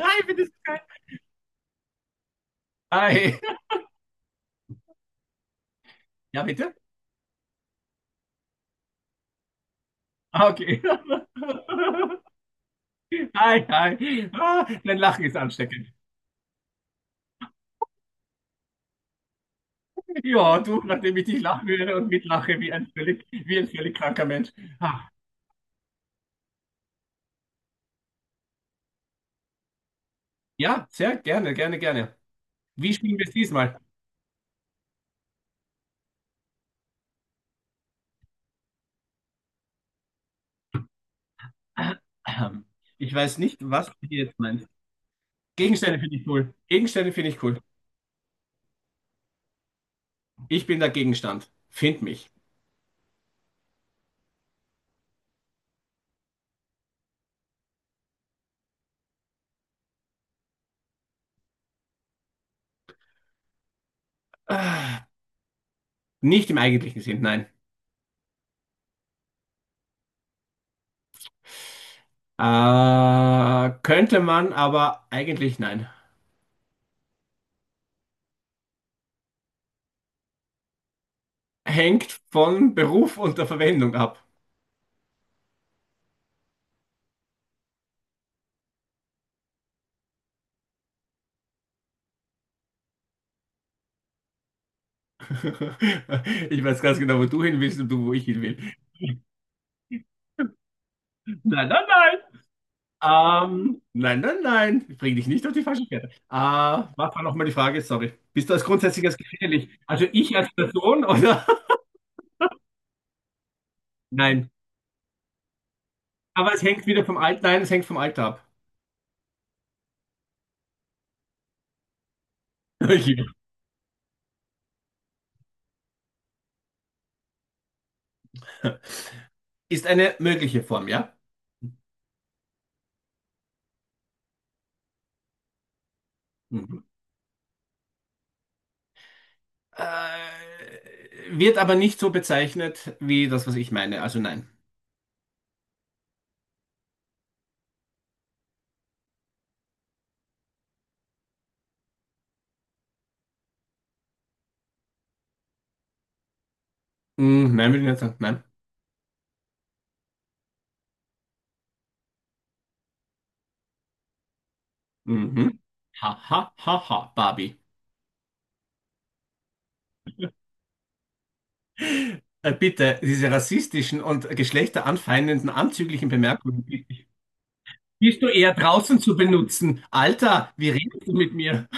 Hi, bitte. Hi. Ja, bitte? Ah, okay. Hi, hi. Ah, dein Lachen ist ansteckend. Ja, du, nachdem ich dich lachen höre und mitlache wie ein völlig kranker Mensch. Ah, ja, sehr gerne, gerne, gerne. Wie spielen wir es diesmal? Ahem. Ich weiß nicht, was du hier jetzt meinst. Gegenstände finde ich cool. Gegenstände finde ich cool. Ich bin der Gegenstand. Find mich. Ah, nicht im eigentlichen Sinn, nein. Könnte man, aber eigentlich nein. Hängt von Beruf und der Verwendung ab. Ich weiß ganz genau, wo du hin willst und du, wo ich hin will. Nein, nein, nein. Nein, nein, nein. Ich bring dich nicht auf die falsche Fährte. Was war nochmal die Frage? Sorry. Bist du als Grundsätzliches gefährlich? Also ich als Person oder? Nein. Aber es hängt wieder vom Alter. Nein, es hängt vom Alter ab. Okay. Ist eine mögliche Form, ja? Mhm. Äh, Wird aber nicht so bezeichnet wie das, was ich meine. Also nein. Nein, würde ich nicht sagen. Nein. Mhm. Ha, ha, ha, ha, Barbie. Bitte, diese rassistischen und geschlechteranfeindenden, anzüglichen Bemerkungen, bist du eher draußen zu benutzen? Alter, wie redest du mit mir?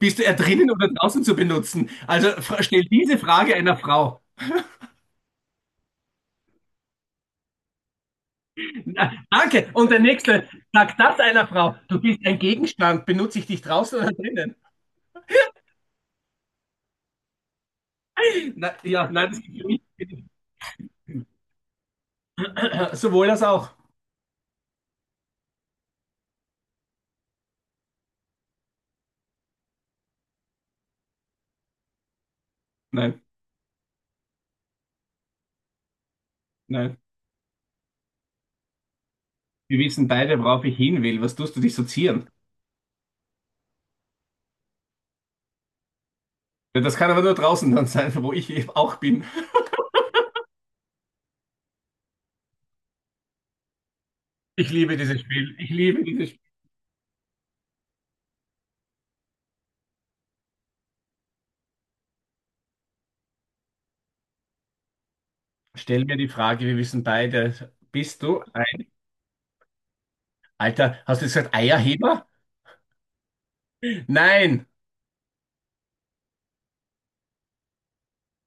Bist du eher drinnen oder draußen zu benutzen? Also stell diese Frage einer Frau. Na, danke. Und der nächste, sag das einer Frau. Du bist ein Gegenstand. Benutze ich dich draußen oder drinnen? Na, ja, nein, das geht für mich nicht. Sowohl das auch. Nein, nein. Wir wissen beide, worauf ich hin will. Was tust du dich sozieren? Das kann aber nur draußen dann sein, wo ich auch bin. Ich liebe dieses Spiel. Ich liebe dieses Spiel. Stell mir die Frage, wir wissen beide, bist du ein Alter, hast du gesagt Eierheber? Nein.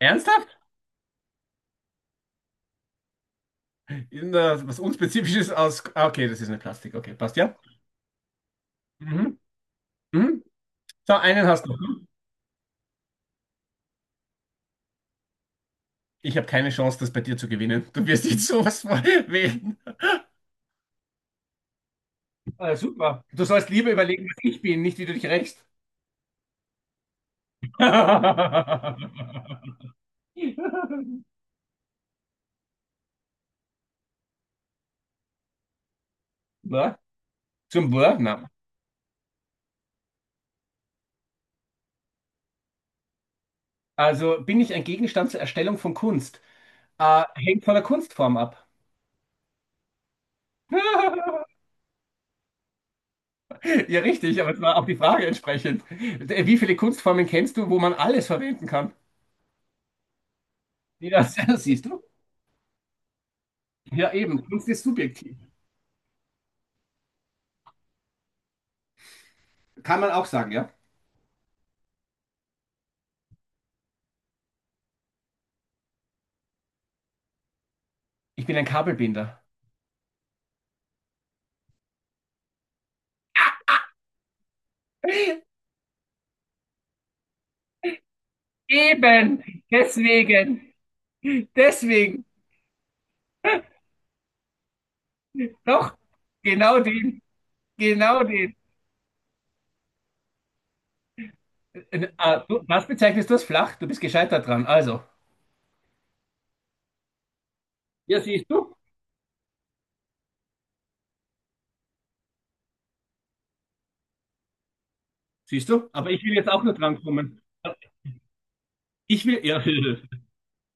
Ernsthaft? In, was unspezifisches aus. Ah, okay, das ist eine Plastik. Okay, passt ja. Mhm. Mhm. So, einen hast du. Ich habe keine Chance, das bei dir zu gewinnen. Du wirst jetzt sowas von wählen. Super. Du sollst lieber überlegen, was ich bin, nicht wie du dich rächst. Na, zum Wurf? Na. Also bin ich ein Gegenstand zur Erstellung von Kunst? Hängt von der Kunstform ab. Ja, richtig, aber es war auch die Frage entsprechend. Wie viele Kunstformen kennst du, wo man alles verwenden kann? Nee, das, das siehst du? Ja, eben. Kunst ist subjektiv. Kann man auch sagen, ja? Ich bin ein Kabelbinder. Eben, deswegen, deswegen, doch, genau den, genau den. Du- Das bezeichnest du als flach, du bist gescheitert dran, also. Ja, siehst du, aber ich will jetzt auch nur dran kommen. Ich will, ja,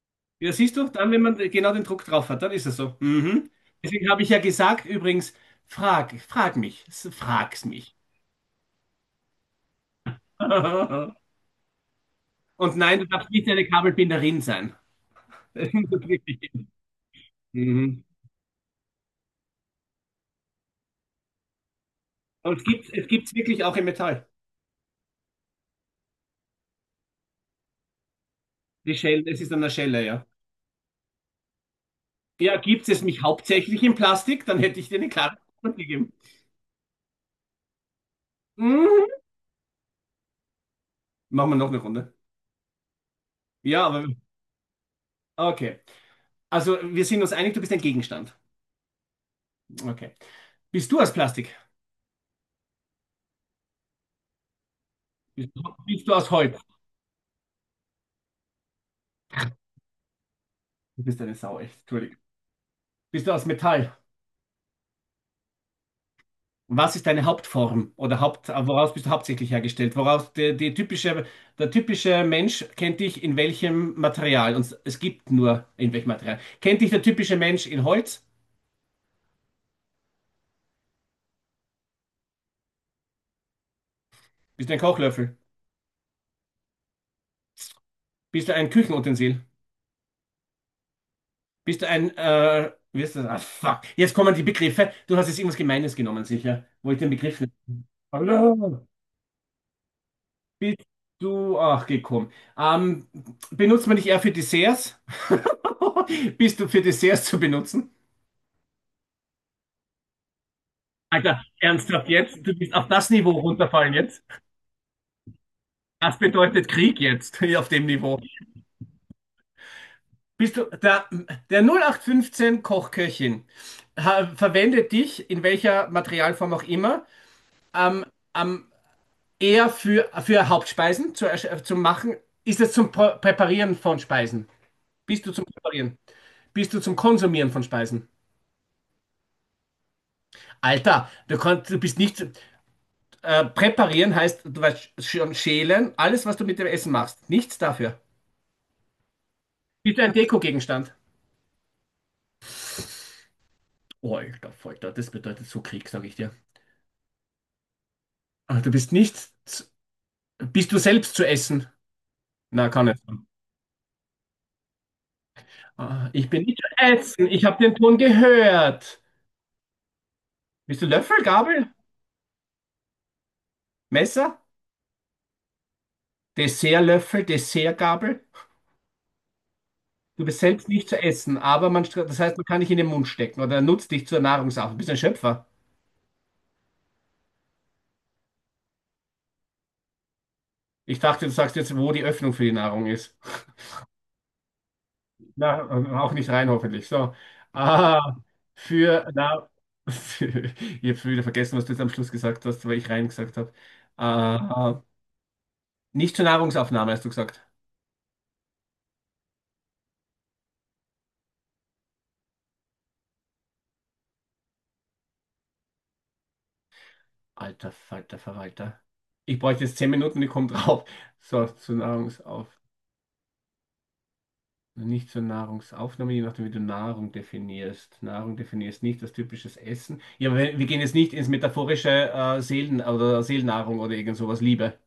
ja, siehst du, dann, wenn man genau den Druck drauf hat, dann ist es so. Mhm. Deswegen habe ich ja gesagt, übrigens, frag mich, frag's mich. Und nein, du darfst nicht eine Kabelbinderin sein. Das ist wirklich- Mhm. Und es gibt's wirklich auch im Metall. Die Schelle, es ist an der Schelle, ja. Ja, gibt's es mich hauptsächlich in Plastik, dann hätte ich dir eine klare Antwort gegeben. Mhm. Machen wir noch eine Runde. Ja, aber okay. Also, wir sind uns einig, du bist ein Gegenstand. Okay. Bist du aus Plastik? Bist du aus Holz? Du bist eine Sau, echt. Entschuldigung. Bist du aus Metall? Was ist deine Hauptform oder Haupt, woraus bist du hauptsächlich hergestellt? Woraus die, die typische, der typische Mensch kennt dich in welchem Material? Und es gibt nur in welchem Material. Kennt dich der typische Mensch in Holz? Bist du ein Kochlöffel? Bist du ein Küchenutensil? Bist du ein, wie ist das? Ah, fuck. Jetzt kommen die Begriffe. Du hast jetzt irgendwas Gemeines genommen, sicher. Wo ich den Begriff nicht. Hallo. Bist du, ach, gekommen. Ähm, Benutzt man dich eher für Desserts? Bist du für Desserts zu benutzen? Alter, ernsthaft jetzt? Du bist auf das Niveau runterfallen jetzt? Das bedeutet Krieg jetzt, hier auf dem Niveau. Bist du der, der 08/15 Kochköchin ha, verwendet dich, in welcher Materialform auch immer, ähm, ähm, eher für Hauptspeisen zu, zu machen? Ist es zum Präparieren von Speisen? Bist du zum Präparieren? Bist du zum Konsumieren von Speisen? Alter, du kannst, du bist nicht, präparieren heißt, du weißt schon schälen, alles, was du mit dem Essen machst. Nichts dafür. Bist du ein Dekogegenstand? Oh, alter Falter, das bedeutet so Krieg, sag ich dir. Aber du bist nicht, z- bist du selbst zu essen? Na, kann nicht sein. Ah, ich bin nicht zu essen, ich habe den Ton gehört. Bist du Löffel, Gabel, Messer, Dessertlöffel, Dessertgabel? Du bist selbst nicht zu essen, aber man, das heißt, man kann dich in den Mund stecken oder nutzt dich zur Nahrungsaufnahme. Du bist ein Schöpfer. Ich dachte, du sagst jetzt, wo die Öffnung für die Nahrung ist. Na, auch nicht rein, hoffentlich. So. Ah, für, na, ich habe schon wieder vergessen, was du jetzt am Schluss gesagt hast, weil ich rein gesagt habe. Ah, nicht zur Nahrungsaufnahme, hast du gesagt. Alter Falter Verwalter. Ich bräuchte jetzt 10 Minuten, ich komme drauf. So, zur Nahrungsauf. Nicht zur Nahrungsaufnahme, je nachdem, wie du Nahrung definierst. Nahrung definierst nicht als typisches Essen. Ja, wir gehen jetzt nicht ins metaphorische Seelen- oder Seelennahrung oder irgend sowas, Liebe.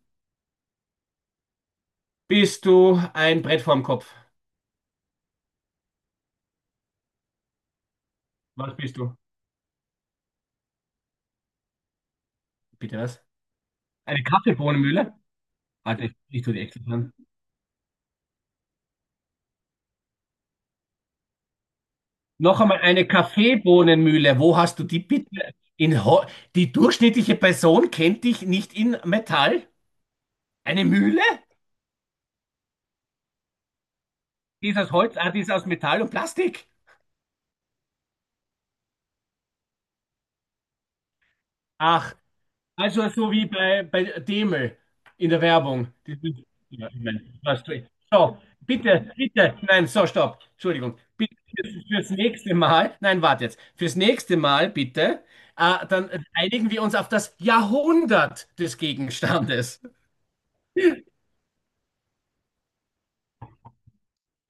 Bist du ein Brett vorm Kopf? Was bist du? Bitte was? Eine Kaffeebohnenmühle? Warte, ich tue die extra dran. Noch einmal eine Kaffeebohnenmühle. Wo hast du die bitte? In Ho die durchschnittliche Person kennt dich nicht in Metall? Eine Mühle? Die ist aus Holz, ah, die ist aus Metall und Plastik. Ach, also so wie bei, bei Demel in der Werbung. Dieses- Ja, ich mein, was soll ich- So, bitte, bitte, nein, so, stopp, Entschuldigung. Bitte fürs nächste Mal, nein, warte jetzt, fürs nächste Mal bitte, dann einigen wir uns auf das Jahrhundert des Gegenstandes.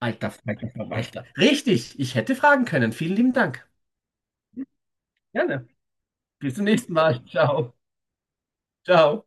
Alter Falter Verwalter. Richtig, ich hätte fragen können. Vielen lieben Dank. Gerne. Bis zum nächsten Mal. Ciao. Ciao.